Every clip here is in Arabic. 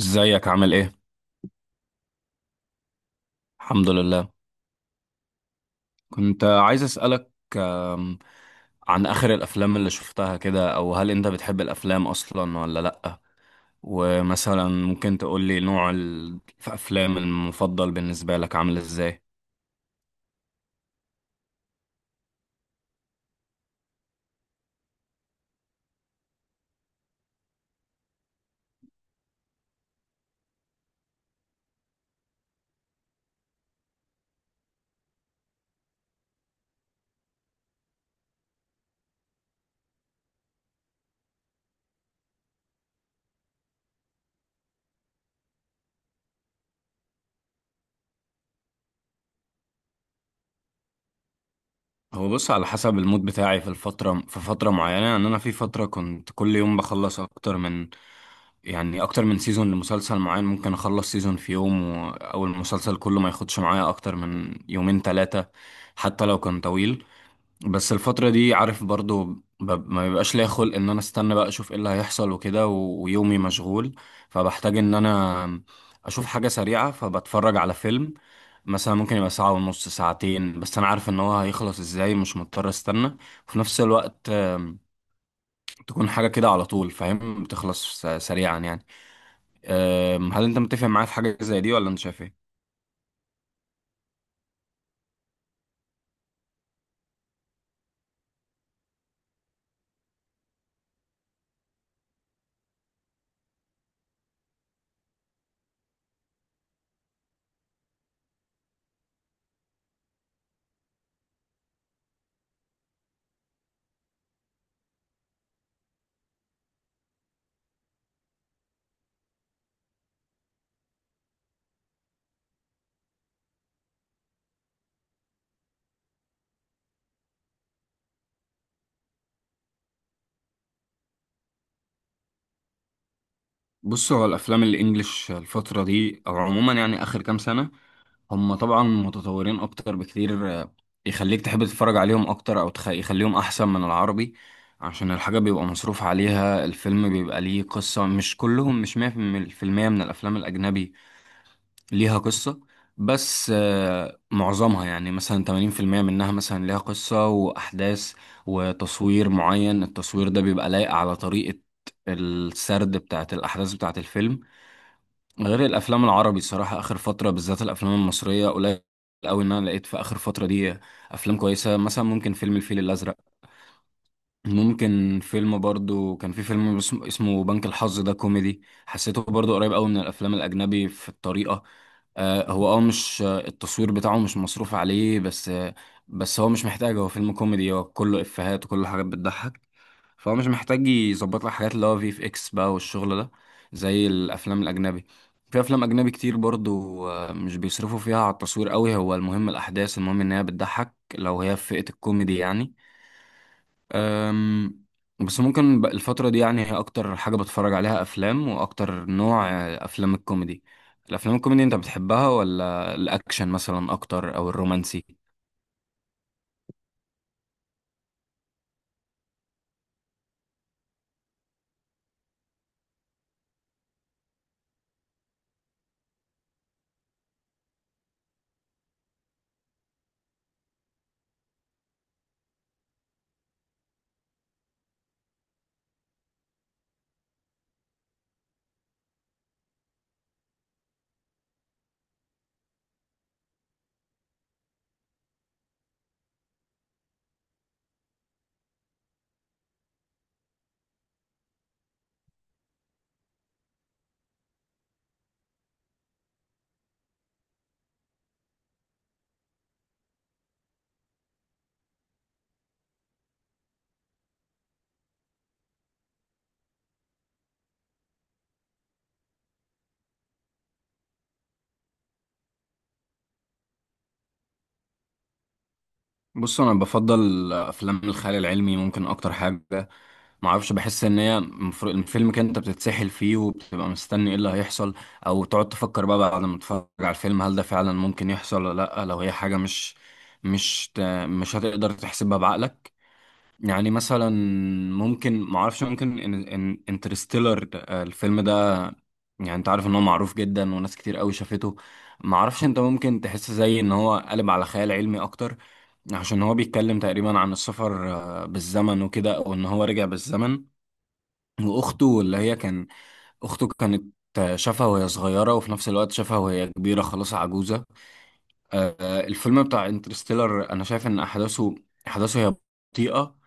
ازيك عامل ايه؟ الحمد لله. كنت عايز اسألك آم، عن اخر الافلام اللي شفتها كده، او هل انت بتحب الافلام اصلا ولا لأ؟ ومثلا ممكن تقول لي نوع الافلام المفضل بالنسبة لك عامل ازاي؟ هو بص، على حسب المود بتاعي في فترة معينة. يعني انا في فترة كنت كل يوم بخلص اكتر من سيزون لمسلسل معين، ممكن اخلص سيزون في يوم او المسلسل كله ما ياخدش معايا اكتر من يومين ثلاثة، حتى لو كان طويل. بس الفترة دي، عارف، برضو ما بيبقاش ليا خلق ان انا استنى بقى اشوف ايه اللي هيحصل وكده ويومي مشغول، فبحتاج ان انا اشوف حاجة سريعة فبتفرج على فيلم مثلا. ممكن يبقى ساعة ونص، ساعتين، بس انا عارف ان هو هيخلص ازاي، مش مضطر استنى، وفي نفس الوقت تكون حاجة كده على طول، فاهم، بتخلص سريعا يعني. هل انت متفق معايا في حاجة زي دي ولا انت شايف ايه؟ بص، هو الافلام الانجليش الفترة دي او عموما يعني اخر كام سنة، هم طبعا متطورين اكتر بكتير، يخليك تحب تتفرج عليهم اكتر، او يخليهم احسن من العربي، عشان الحاجة بيبقى مصروف عليها، الفيلم بيبقى ليه قصة. مش كلهم، مش مية في المية من الافلام الاجنبي ليها قصة، بس معظمها يعني مثلا 80% منها مثلا ليها قصة واحداث وتصوير معين. التصوير ده بيبقى لايق على طريقة السرد بتاعت الاحداث بتاعت الفيلم، غير الافلام العربي. صراحه اخر فتره بالذات الافلام المصريه قليل قوي ان انا لقيت في اخر فتره دي افلام كويسه. مثلا ممكن فيلم الفيل الازرق، ممكن فيلم، برضو كان في فيلم اسمه بنك الحظ، ده كوميدي، حسيته برضو قريب قوي من الافلام الاجنبي في الطريقه. هو مش، التصوير بتاعه مش مصروف عليه بس. بس هو مش محتاج، هو فيلم كوميدي، هو كله افيهات وكله حاجات بتضحك، فهو مش محتاج يظبط لك حاجات اللي هو في FX بقى والشغل ده، زي الافلام الاجنبي. في افلام اجنبي كتير برضو، مش بيصرفوا فيها على التصوير قوي، هو المهم الاحداث، المهم ان هي بتضحك لو هي في فئة الكوميدي يعني. أم، بس ممكن الفترة دي يعني هي اكتر حاجة بتفرج عليها افلام، واكتر نوع افلام الكوميدي. الافلام الكوميدي انت بتحبها ولا الاكشن مثلا اكتر او الرومانسي؟ بص، انا بفضل افلام الخيال العلمي، ممكن اكتر حاجه. ما اعرفش، بحس ان هي الفيلم كده انت بتتسحل فيه وبتبقى مستني ايه اللي هيحصل، او تقعد تفكر بقى بعد ما تتفرج على الفيلم هل ده فعلا ممكن يحصل ولا لا، لو هي حاجه مش ت- مش هتقدر تحسبها بعقلك. يعني مثلا، ممكن، ما اعرفش، ممكن ان انترستيلر الفيلم ده، يعني انت عارف ان هو معروف جدا وناس كتير قوي شافته. ما اعرفش انت ممكن تحس زي ان هو قلب على خيال علمي اكتر، عشان هو بيتكلم تقريبا عن السفر بالزمن وكده، او ان هو رجع بالزمن، واخته اللي هي كان اخته كانت شافها وهي صغيرة وفي نفس الوقت شافها وهي كبيرة خلاص عجوزة. الفيلم بتاع انترستيلر انا شايف ان احداثه هي بطيئة،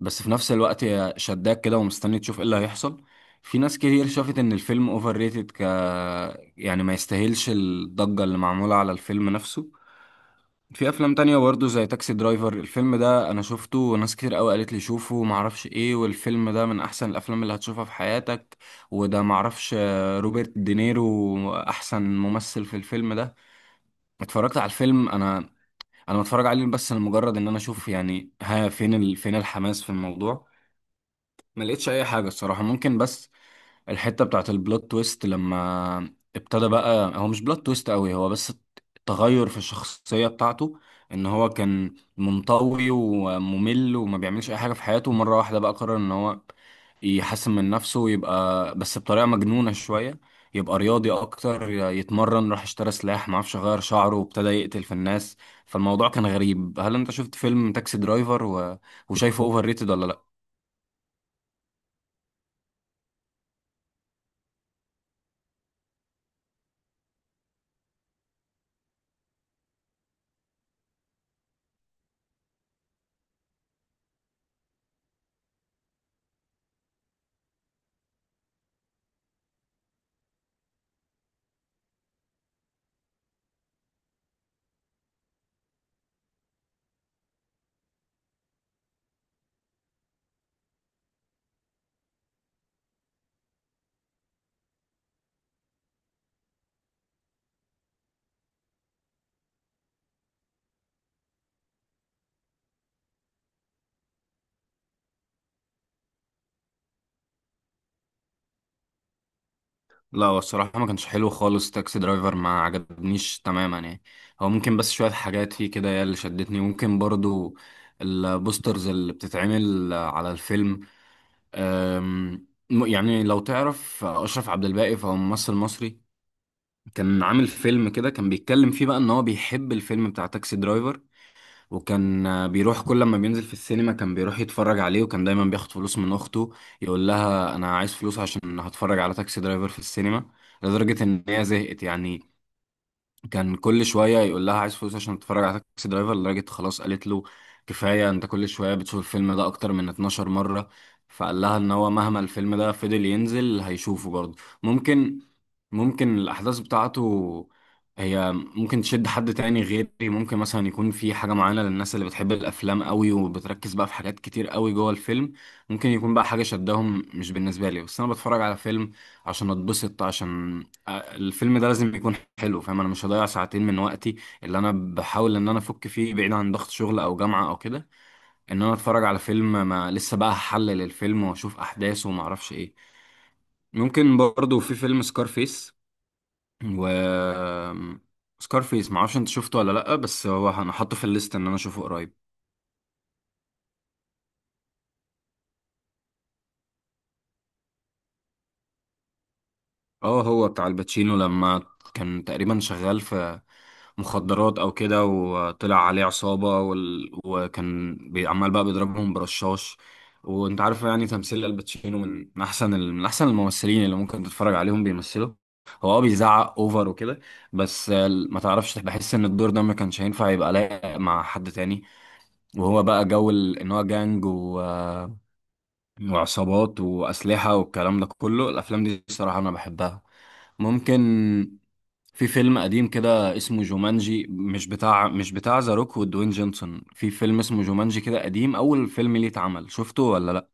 بس في نفس الوقت هي شداك كده ومستني تشوف ايه اللي هيحصل. في ناس كتير شافت ان الفيلم اوفر ريتد يعني ما يستاهلش الضجة اللي معمولة على الفيلم نفسه. في افلام تانية برضه زي تاكسي درايفر، الفيلم ده انا شفته وناس كتير قوي قالت لي شوفه ومعرفش ايه، والفيلم ده من احسن الافلام اللي هتشوفها في حياتك، وده معرفش روبرت دينيرو احسن ممثل في الفيلم ده. اتفرجت على الفيلم انا، انا بتفرج عليه بس لمجرد ان انا اشوف، يعني ها، فين فين الحماس في الموضوع. ما لقيتش اي حاجه الصراحه، ممكن بس الحته بتاعت البلوت تويست لما ابتدى بقى. هو مش بلوت تويست قوي، هو بس تغير في الشخصيه بتاعته، ان هو كان منطوي وممل وما بيعملش اي حاجه في حياته، ومره واحده بقى قرر ان هو يحسن من نفسه ويبقى، بس بطريقه مجنونه شويه، يبقى رياضي اكتر، يتمرن، راح اشترى سلاح معرفش، غير شعره وابتدى يقتل في الناس. فالموضوع كان غريب. هل انت شفت فيلم تاكسي درايفر وشايفه اوفر ريتد ولا لا؟ لا هو الصراحة ما كانش حلو خالص، تاكسي درايفر ما عجبنيش تماما يعني. هو ممكن بس شوية حاجات فيه كده هي اللي شدتني، ممكن برضو البوسترز اللي بتتعمل على الفيلم. يعني لو تعرف أشرف عبد الباقي، فهو ممثل مصري كان عامل فيلم كده كان بيتكلم فيه بقى إن هو بيحب الفيلم بتاع تاكسي درايفر، وكان بيروح كل ما بينزل في السينما كان بيروح يتفرج عليه، وكان دايما بياخد فلوس من اخته يقول لها انا عايز فلوس عشان هتفرج على تاكسي درايفر في السينما، لدرجة ان هي زهقت يعني، كان كل شوية يقول لها عايز فلوس عشان تتفرج على تاكسي درايفر، لدرجة خلاص قالت له كفاية، انت كل شوية بتشوف الفيلم ده اكتر من 12 مرة. فقال لها ان هو مهما الفيلم ده فضل ينزل هيشوفه برضه. ممكن ممكن الاحداث بتاعته هي ممكن تشد حد تاني غيري. ممكن مثلا يكون في حاجة معينة للناس اللي بتحب الافلام قوي وبتركز بقى في حاجات كتير قوي جوه الفيلم، ممكن يكون بقى حاجة شدهم. مش بالنسبة لي، بس انا بتفرج على فيلم عشان اتبسط، عشان الفيلم ده لازم يكون حلو، فاهم. انا مش هضيع ساعتين من وقتي اللي انا بحاول ان انا افك فيه بعيد عن ضغط شغل او جامعة او كده، ان انا اتفرج على فيلم ما لسه بقى هحلل الفيلم واشوف احداثه وما اعرفش ايه. ممكن برضو في فيلم سكارفيس، و سكارفيس ما اعرفش انت شفته ولا لا، بس هو انا حاطه في الليست ان انا اشوفه قريب. اه هو بتاع الباتشينو، لما كان تقريبا شغال في مخدرات او كده، وطلع عليه عصابة وكان عمال بقى بيضربهم برشاش. وانت عارف يعني تمثيل الباتشينو من احسن الممثلين اللي ممكن تتفرج عليهم بيمثلوا. هو بيزعق اوفر وكده، بس ما تعرفش، بحس ان الدور ده ما كانش هينفع يبقى لايق مع حد تاني. وهو بقى جو ان هو جانج وعصابات واسلحة والكلام ده كله، الافلام دي الصراحة انا بحبها. ممكن، في فيلم قديم كده اسمه جومانجي، مش بتاع ذا روك ودوين جونسون، في فيلم اسمه جومانجي كده قديم اول فيلم ليه اتعمل، شفته ولا لا؟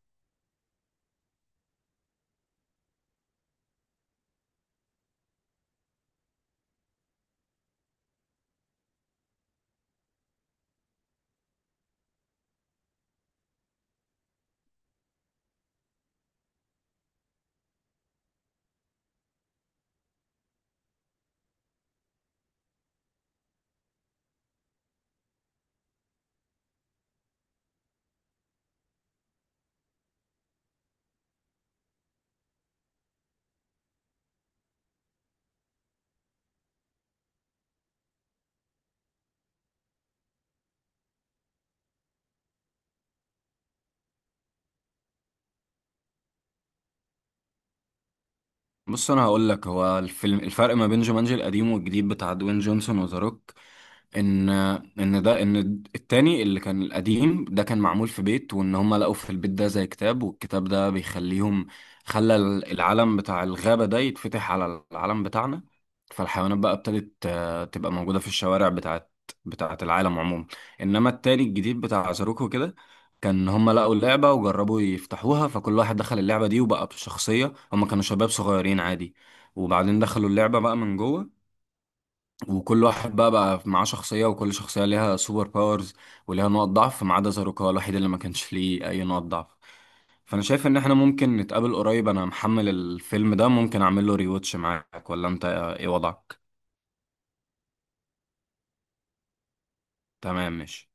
بص، انا هقول لك، هو الفيلم الفرق ما بين جومانجي القديم والجديد بتاع دوين جونسون وذا روك، ان ان التاني اللي كان القديم ده كان معمول في بيت، وان هم لقوا في البيت ده زي كتاب، والكتاب ده خلى العالم بتاع الغابة ده يتفتح على العالم بتاعنا، فالحيوانات بقى ابتدت تبقى موجودة في الشوارع بتاعت العالم عموما. انما التاني الجديد بتاع زاروكو كده، كان هم لقوا اللعبة وجربوا يفتحوها، فكل واحد دخل اللعبة دي وبقى بشخصية، هم كانوا شباب صغيرين عادي، وبعدين دخلوا اللعبة بقى من جوه، وكل واحد بقى معاه شخصية، وكل شخصية ليها سوبر باورز وليها نقط ضعف، ما عدا زاروكا الوحيد اللي ما كانش ليه أي نقط ضعف. فأنا شايف إن إحنا ممكن نتقابل قريب، أنا محمل الفيلم ده، ممكن أعمل له ريواتش معاك، ولا أنت إيه وضعك؟ تمام، ماشي.